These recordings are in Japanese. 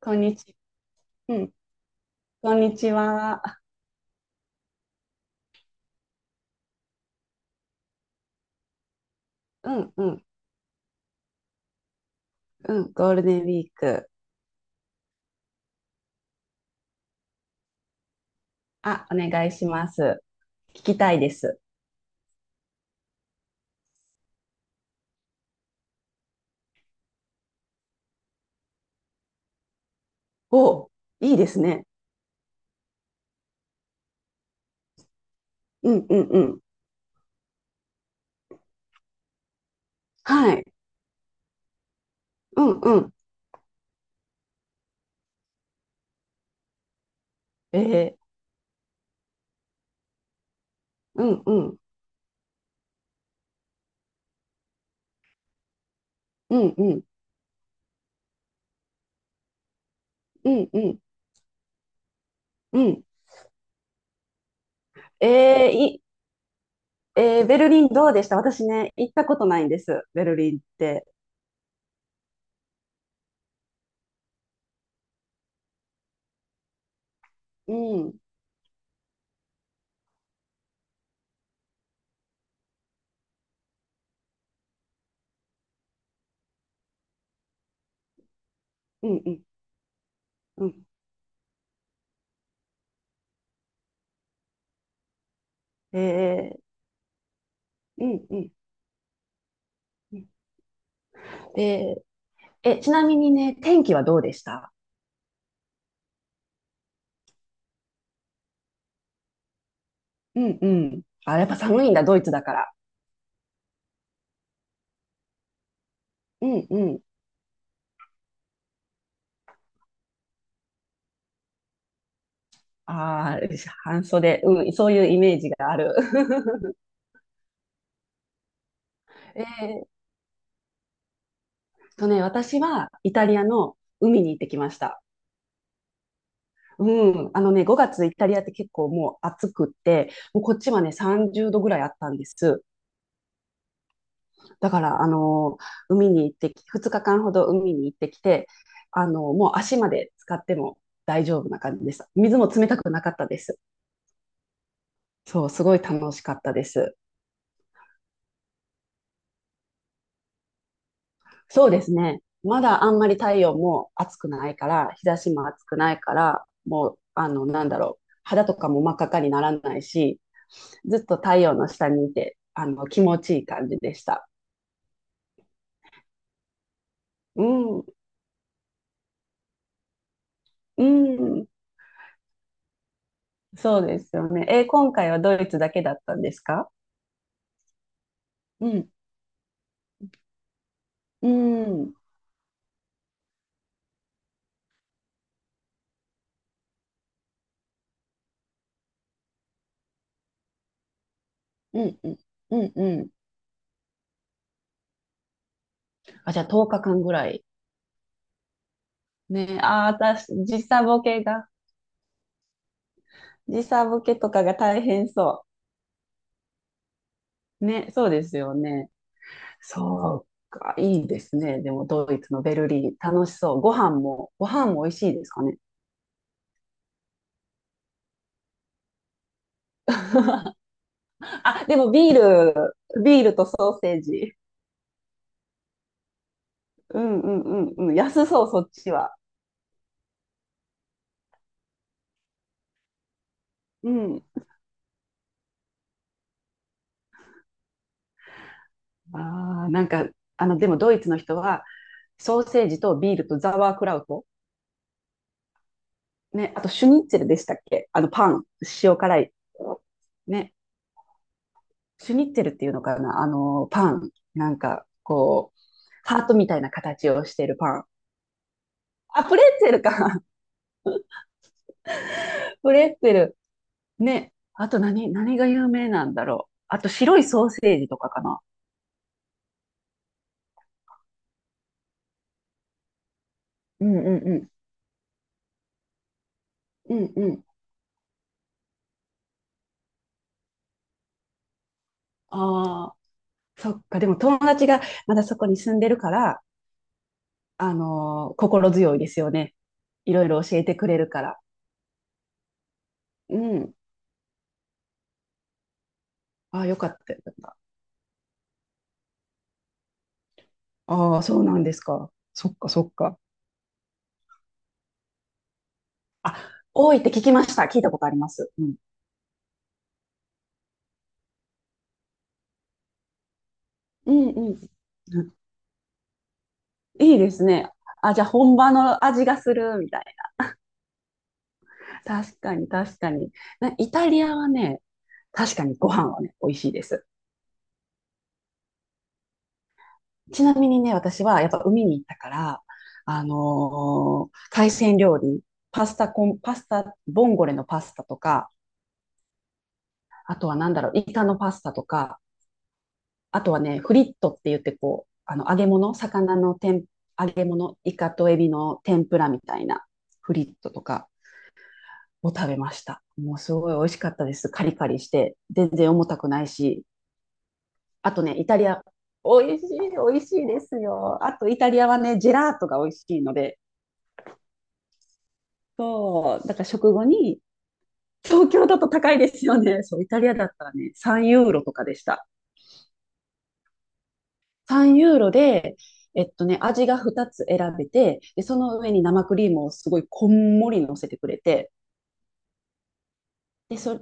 こんにちは、うん、こんにちは。うんうん、うん、ゴールデンウィーク。あ、お願いします。聞きたいです。お、いいですね。うんうんうん。はい。うんうん。えー、うんうん。うんうん。うんうんうん。えー、い、えー、ベルリンどうでした？私ね、行ったことないんです。ベルリンって。うん。うんうんうん。えうんうんうん。えー、え、ちなみにね、天気はどうでした？うんうん。あ、やっぱ寒いんだ、ドイツだから。うんうん。ああ、半袖、うん、そういうイメージがある。えーっ私はイタリアの海に行ってきました。うん、あのね、5月イタリアって結構もう暑くって、もうこっちはね、30度ぐらいあったんです。だから、海に行ってき、2日間ほど海に行ってきて、もう足まで使っても大丈夫な感じでした。水も冷たくなかったです。そう、すごい楽しかったです。そうですね。まだあんまり太陽も暑くないから、日差しも暑くないから、もう、なんだろう、肌とかも真っ赤っかにならないし、ずっと太陽の下にいて、気持ちいい感じでした。うん、うん、そうですよね。え、今回はドイツだけだったんですか？うん、うん、うん、うん、うん、うん。あ、じゃあ10日間ぐらい。ね、ああ、私、時差ボケとかが大変そう。ね、そうですよね。そうか、いいですね。でもドイツのベルリー、楽しそう。ご飯も美味しいですかね。あ、でもル、ビールとソーセージ。うんうんうんうん、安そう、そっちは。うん。ああ、なんか、でもドイツの人は、ソーセージとビールとザワークラウト。ね、あとシュニッツェルでしたっけパン、塩辛い。ね、シュニッツェルっていうのかなパン。なんか、こう、ハートみたいな形をしてるパン。あ、プレッツェルか。プレッツェル。ね。あと何が有名なんだろう。あと白いソーセージとかかな。うんうんうん。うんうん。ああ、そっか。でも友達がまだそこに住んでるから、心強いですよね。いろいろ教えてくれるから。うん。ああ、よかった。よかった。ああ、そうなんですか。そっかそっか。あ、多いって聞きました。聞いたことあります。うん。うんうん。うん、いいですね。あ、じゃあ本場の味がするみたい。確かに、確かに。イタリアはね、確かにご飯はね、美味しいです。ちなみにね、私はやっぱ海に行ったから、海鮮料理、パスタ、ボンゴレのパスタとか、あとはなんだろう、イカのパスタとか、あとはね、フリットって言ってこう、揚げ物、魚の天、揚げ物、イカとエビの天ぷらみたいなフリットとかを食べました。もうすごい美味しかったです。カリカリして、全然重たくないし、あとね、イタリア。美味しい、美味しいですよ。あと、イタリアはね、ジェラートが美味しいので。そう、だから食後に、東京だと高いですよね。そう、イタリアだったらね、3ユーロとかでした。3ユーロで、味が2つ選べて、で、その上に生クリームをすごいこんもり乗せてくれて、で、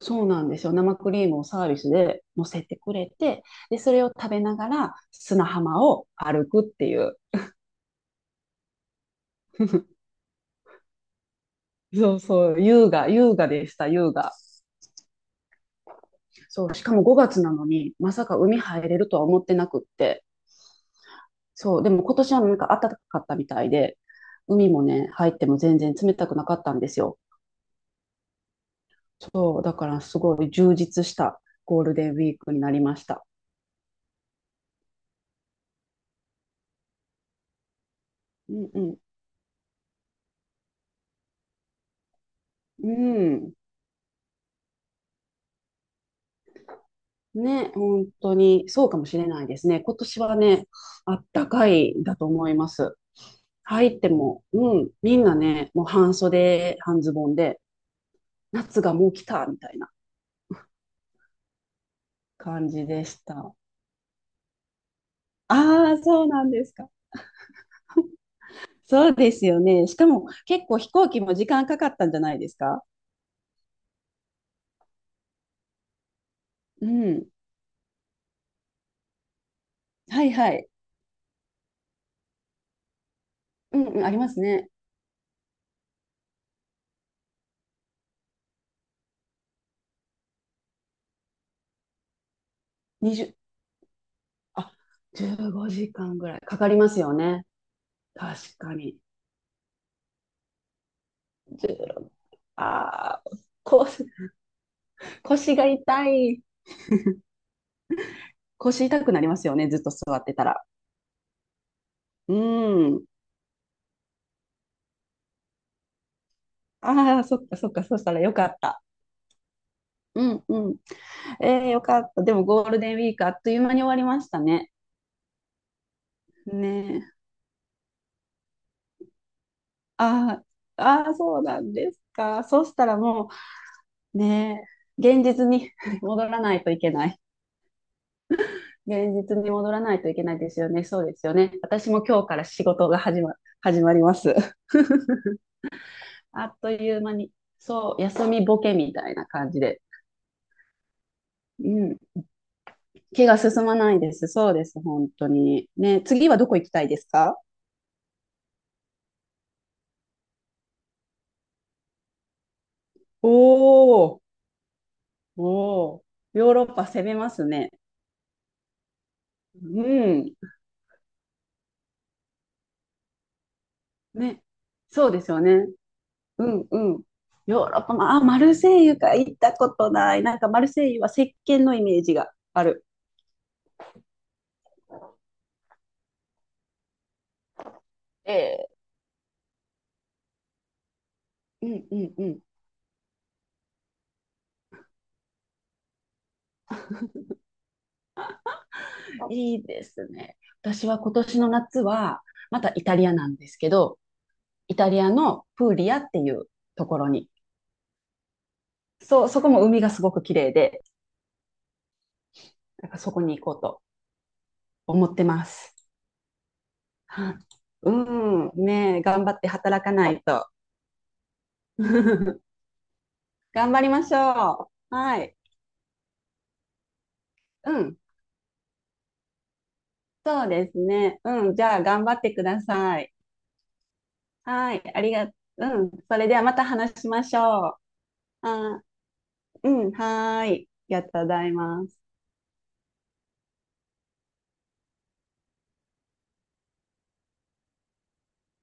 そうなんですよ。生クリームをサービスで乗せてくれて、で、それを食べながら砂浜を歩くっていう。そうそう、優雅、優雅でした、優雅。そう、しかも5月なのに、まさか海入れるとは思ってなくって。そう、でも今年はなんか暖かかったみたいで、海もね、入っても全然冷たくなかったんですよ。そう、だからすごい充実したゴールデンウィークになりました。うんうん。うん。ね、本当にそうかもしれないですね。今年はね、あったかいだと思います。入っても、うん、みんなね、もう半袖、半ズボンで、夏がもう来た、みたいな感じでした。ああ、そうなんですか。そうですよね。しかも結構飛行機も時間かかったんじゃないですか？うん。はいはい。うんうん、ありますね。20、あ、15時間ぐらいかかりますよね。確かに。16、ああ、こう腰が痛い。腰痛くなりますよね、ずっと座ってたら。うん。ああ、そっかそっか、そしたらよかった。うんうん。よかった。でもゴールデンウィークあっという間に終わりましたね。ねえ。ああ、ああ、そうなんですか。そしたらもう、ねえ、現実に 戻らないといけない。現実に戻らないといけないですよね。そうですよね。私も今日から仕事が始まります。あっという間に、そう、休みボケみたいな感じで。うん、気が進まないです。そうです、本当に。ね、次はどこ行きたいですか？おー、おー、ヨーロッパ攻めますね。うん。ね。そうですよね。うんうん。ヨーロッパ、まあ、マルセイユか行ったことない。なんかマルセイユは石鹸のイメージがある。ええ、うんうんうん。いいですね。私は今年の夏は、またイタリアなんですけど、イタリアのプーリアっていうところに。そう、そこも海がすごく綺麗で、なんかそこに行こうと思ってます。はい、うん、ねえ、頑張って働かないと。頑張りましょう。はい。うん、そうですね。うん、じゃあ頑張ってください。はい、ありが、うん、それではまた話しましょう。あ、うん、はーい。ありがとうございます。